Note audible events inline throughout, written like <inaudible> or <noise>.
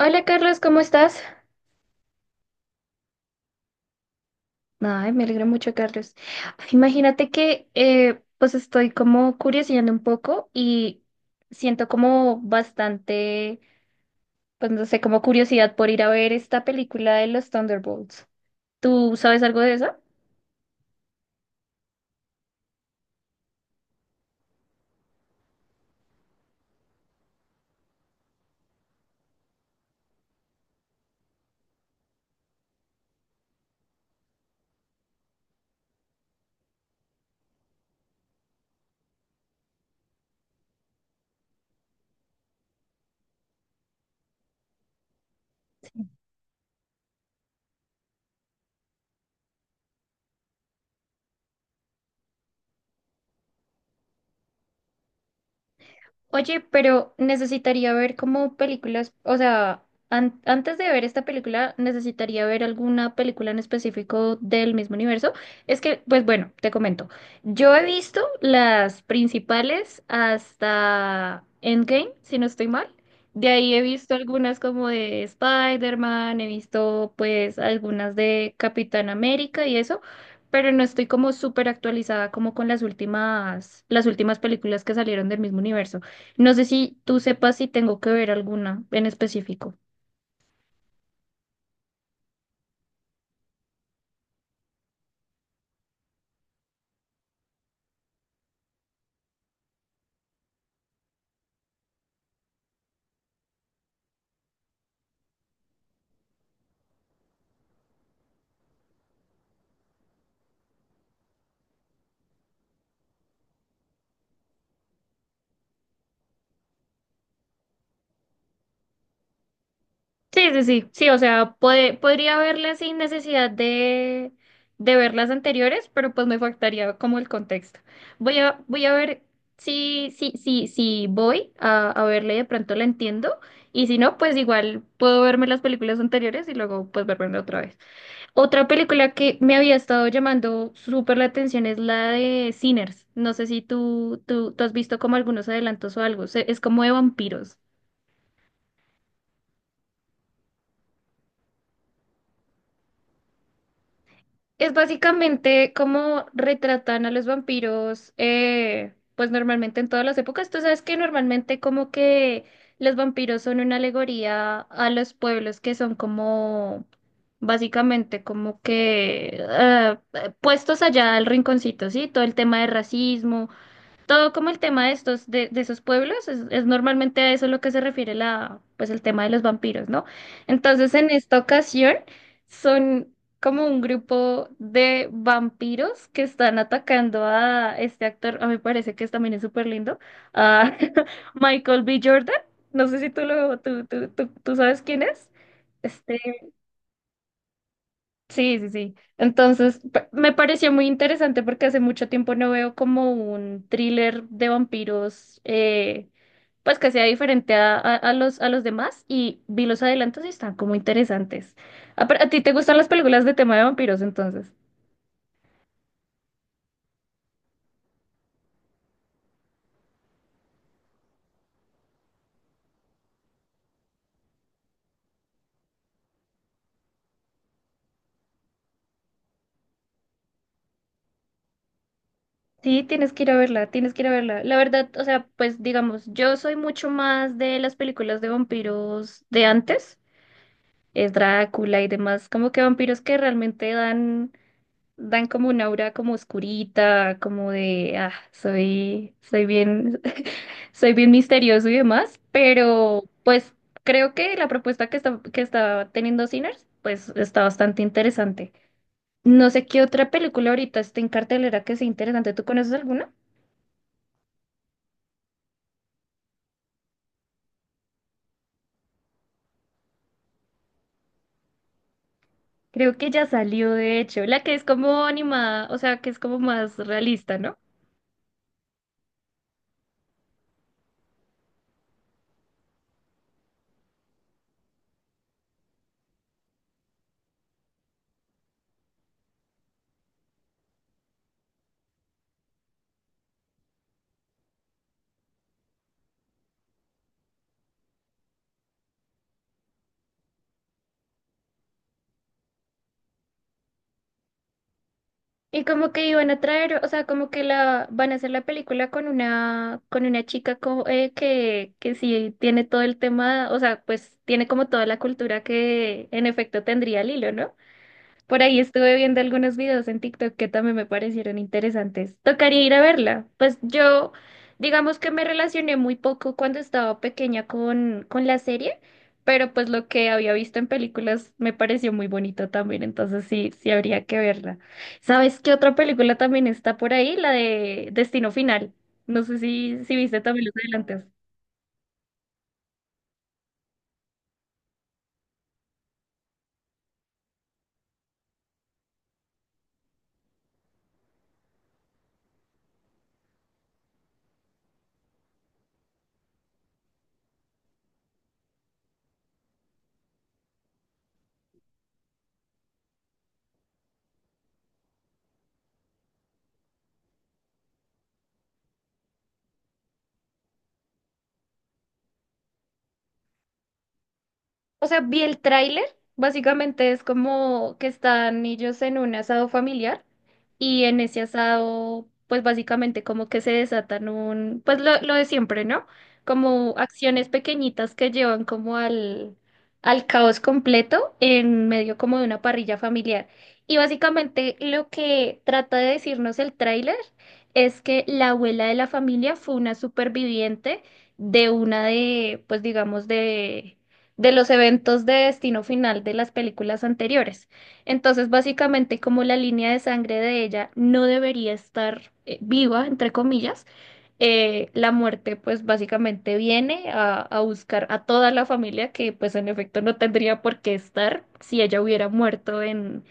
Hola Carlos, ¿cómo estás? Ay, me alegra mucho, Carlos. Imagínate que pues estoy como curioseando un poco y siento como bastante, pues no sé, como curiosidad por ir a ver esta película de los Thunderbolts. ¿Tú sabes algo de eso? Oye, pero necesitaría ver como películas, o sea, antes de ver esta película, necesitaría ver alguna película en específico del mismo universo. Es que, pues bueno, te comento. Yo he visto las principales hasta Endgame, si no estoy mal. De ahí he visto algunas como de Spider-Man, he visto pues algunas de Capitán América y eso, pero no estoy como súper actualizada como con las últimas películas que salieron del mismo universo. No sé si tú sepas si tengo que ver alguna en específico. Sí, sí, sí, sí, o sea, podría verla sin necesidad de ver las anteriores, pero pues me faltaría como el contexto. Voy a ver si voy a verla y de pronto la entiendo, y si no, pues igual puedo verme las películas anteriores y luego pues verme otra vez. Otra película que me había estado llamando súper la atención es la de Sinners. No sé si tú has visto como algunos adelantos o algo. Es como de vampiros. Es básicamente como retratan a los vampiros, pues normalmente en todas las épocas. Tú sabes que normalmente como que los vampiros son una alegoría a los pueblos que son como, básicamente como que puestos allá al rinconcito, ¿sí? Todo el tema de racismo. Todo como el tema de estos, de esos pueblos, es normalmente a eso lo que se refiere la, pues el tema de los vampiros, ¿no? Entonces, en esta ocasión, son como un grupo de vampiros que están atacando a este actor, a mí me parece que también es súper lindo, a <laughs> Michael B. Jordan. No sé si tú lo, tú sabes quién es. Este, Sí, sí, sí. Entonces, me pareció muy interesante porque hace mucho tiempo no veo como un thriller de vampiros, pues que sea diferente a a los demás y vi los adelantos y están como interesantes. Ah, pero ¿a ti te gustan las películas de tema de vampiros entonces? Sí, tienes que ir a verla, tienes que ir a verla. La verdad, o sea, pues digamos, yo soy mucho más de las películas de vampiros de antes, es Drácula y demás, como que vampiros que realmente dan como un aura como oscurita, como de, ah, soy bien, <laughs> soy bien misterioso y demás, pero pues creo que la propuesta que que está teniendo Sinners, pues está bastante interesante. No sé qué otra película ahorita está en cartelera que sea interesante. ¿Tú conoces alguna? Creo que ya salió, de hecho, la que es como animada, o sea, que es como más realista, ¿no? Y como que iban a traer, o sea, como que la van a hacer la película con una chica que sí tiene todo el tema, o sea, pues tiene como toda la cultura que en efecto tendría Lilo, ¿no? Por ahí estuve viendo algunos videos en TikTok que también me parecieron interesantes. Tocaría ir a verla. Pues yo, digamos que me relacioné muy poco cuando estaba pequeña con la serie, pero pues lo que había visto en películas me pareció muy bonito también, entonces sí, sí habría que verla. ¿Sabes qué otra película también está por ahí? La de Destino Final. No sé si viste también los adelantos. O sea, vi el tráiler, básicamente es como que están ellos en un asado familiar y en ese asado, pues básicamente como que se desatan un, pues lo de siempre, ¿no? Como acciones pequeñitas que llevan como al, al caos completo en medio como de una parrilla familiar. Y básicamente lo que trata de decirnos el tráiler es que la abuela de la familia fue una superviviente de una pues digamos, de los eventos de destino final de las películas anteriores. Entonces, básicamente, como la línea de sangre de ella no debería estar viva, entre comillas, la muerte, pues básicamente viene a buscar a toda la familia que, pues en efecto, no tendría por qué estar si ella hubiera muerto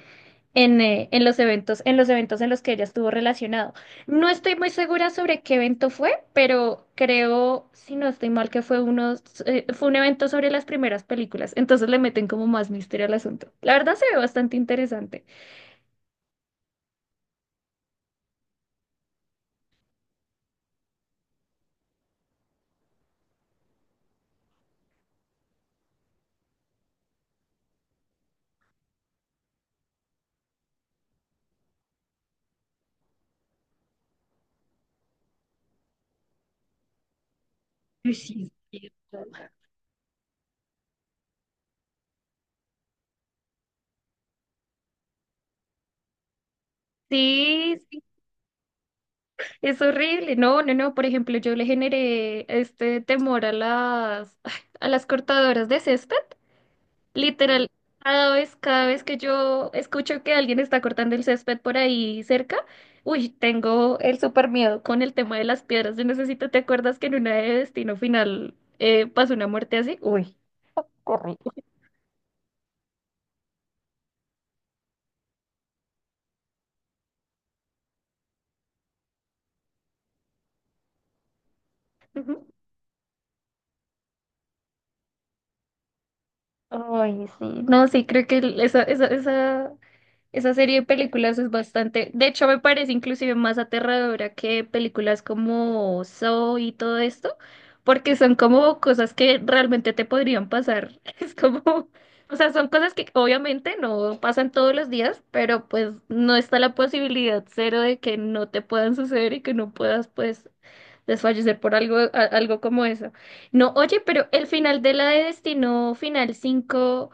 en los eventos, en los eventos en los que ella estuvo relacionado. No estoy muy segura sobre qué evento fue, pero creo, si no estoy mal, que fue uno, fue un evento sobre las primeras películas. Entonces le meten como más misterio al asunto. La verdad se ve bastante interesante. Uy, sí, es cierto. Sí, sí, es horrible. No, no, no. Por ejemplo, yo le generé este temor a las, ay, a las cortadoras de césped. Literal, cada vez que yo escucho que alguien está cortando el césped por ahí cerca, uy, tengo el súper miedo con el tema de las piedras. Yo necesito, ¿te acuerdas que en una de Destino Final pasó una muerte así? Uy. Ujú. Ay, sí. No, sí, creo que esa. Esa serie de películas es bastante, de hecho me parece inclusive más aterradora que películas como Saw y todo esto, porque son como cosas que realmente te podrían pasar. <laughs> Es como, o sea, son cosas que obviamente no pasan todos los días, pero pues no está la posibilidad cero de que no te puedan suceder y que no puedas pues desfallecer por algo, algo como eso. No, oye, pero el final de la de Destino Final 5.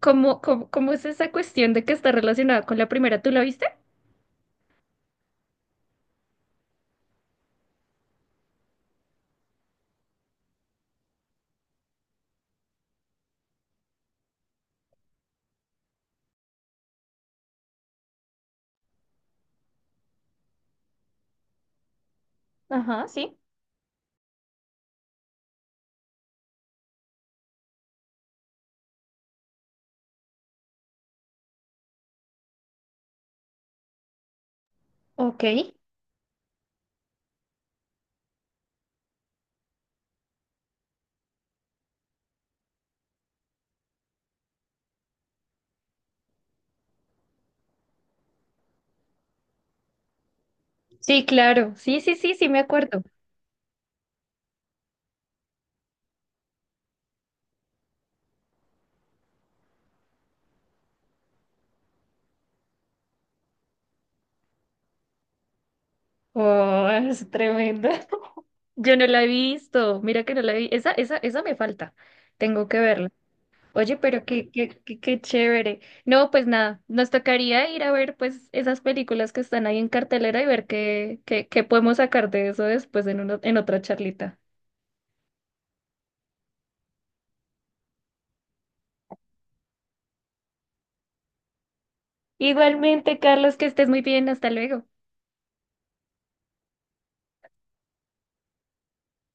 Cómo es esa cuestión de que está relacionada con la primera? ¿Tú la viste? Ajá, sí. Ok. Sí, claro. Sí, sí, sí, sí, me acuerdo. Oh, es tremendo. <laughs> Yo no la he visto. Mira que no la vi. Esa me falta. Tengo que verla. Oye, pero qué, qué chévere. No, pues nada, nos tocaría ir a ver pues esas películas que están ahí en cartelera y ver qué, qué podemos sacar de eso después en, en otra charlita. Igualmente, Carlos, que estés muy bien. Hasta luego.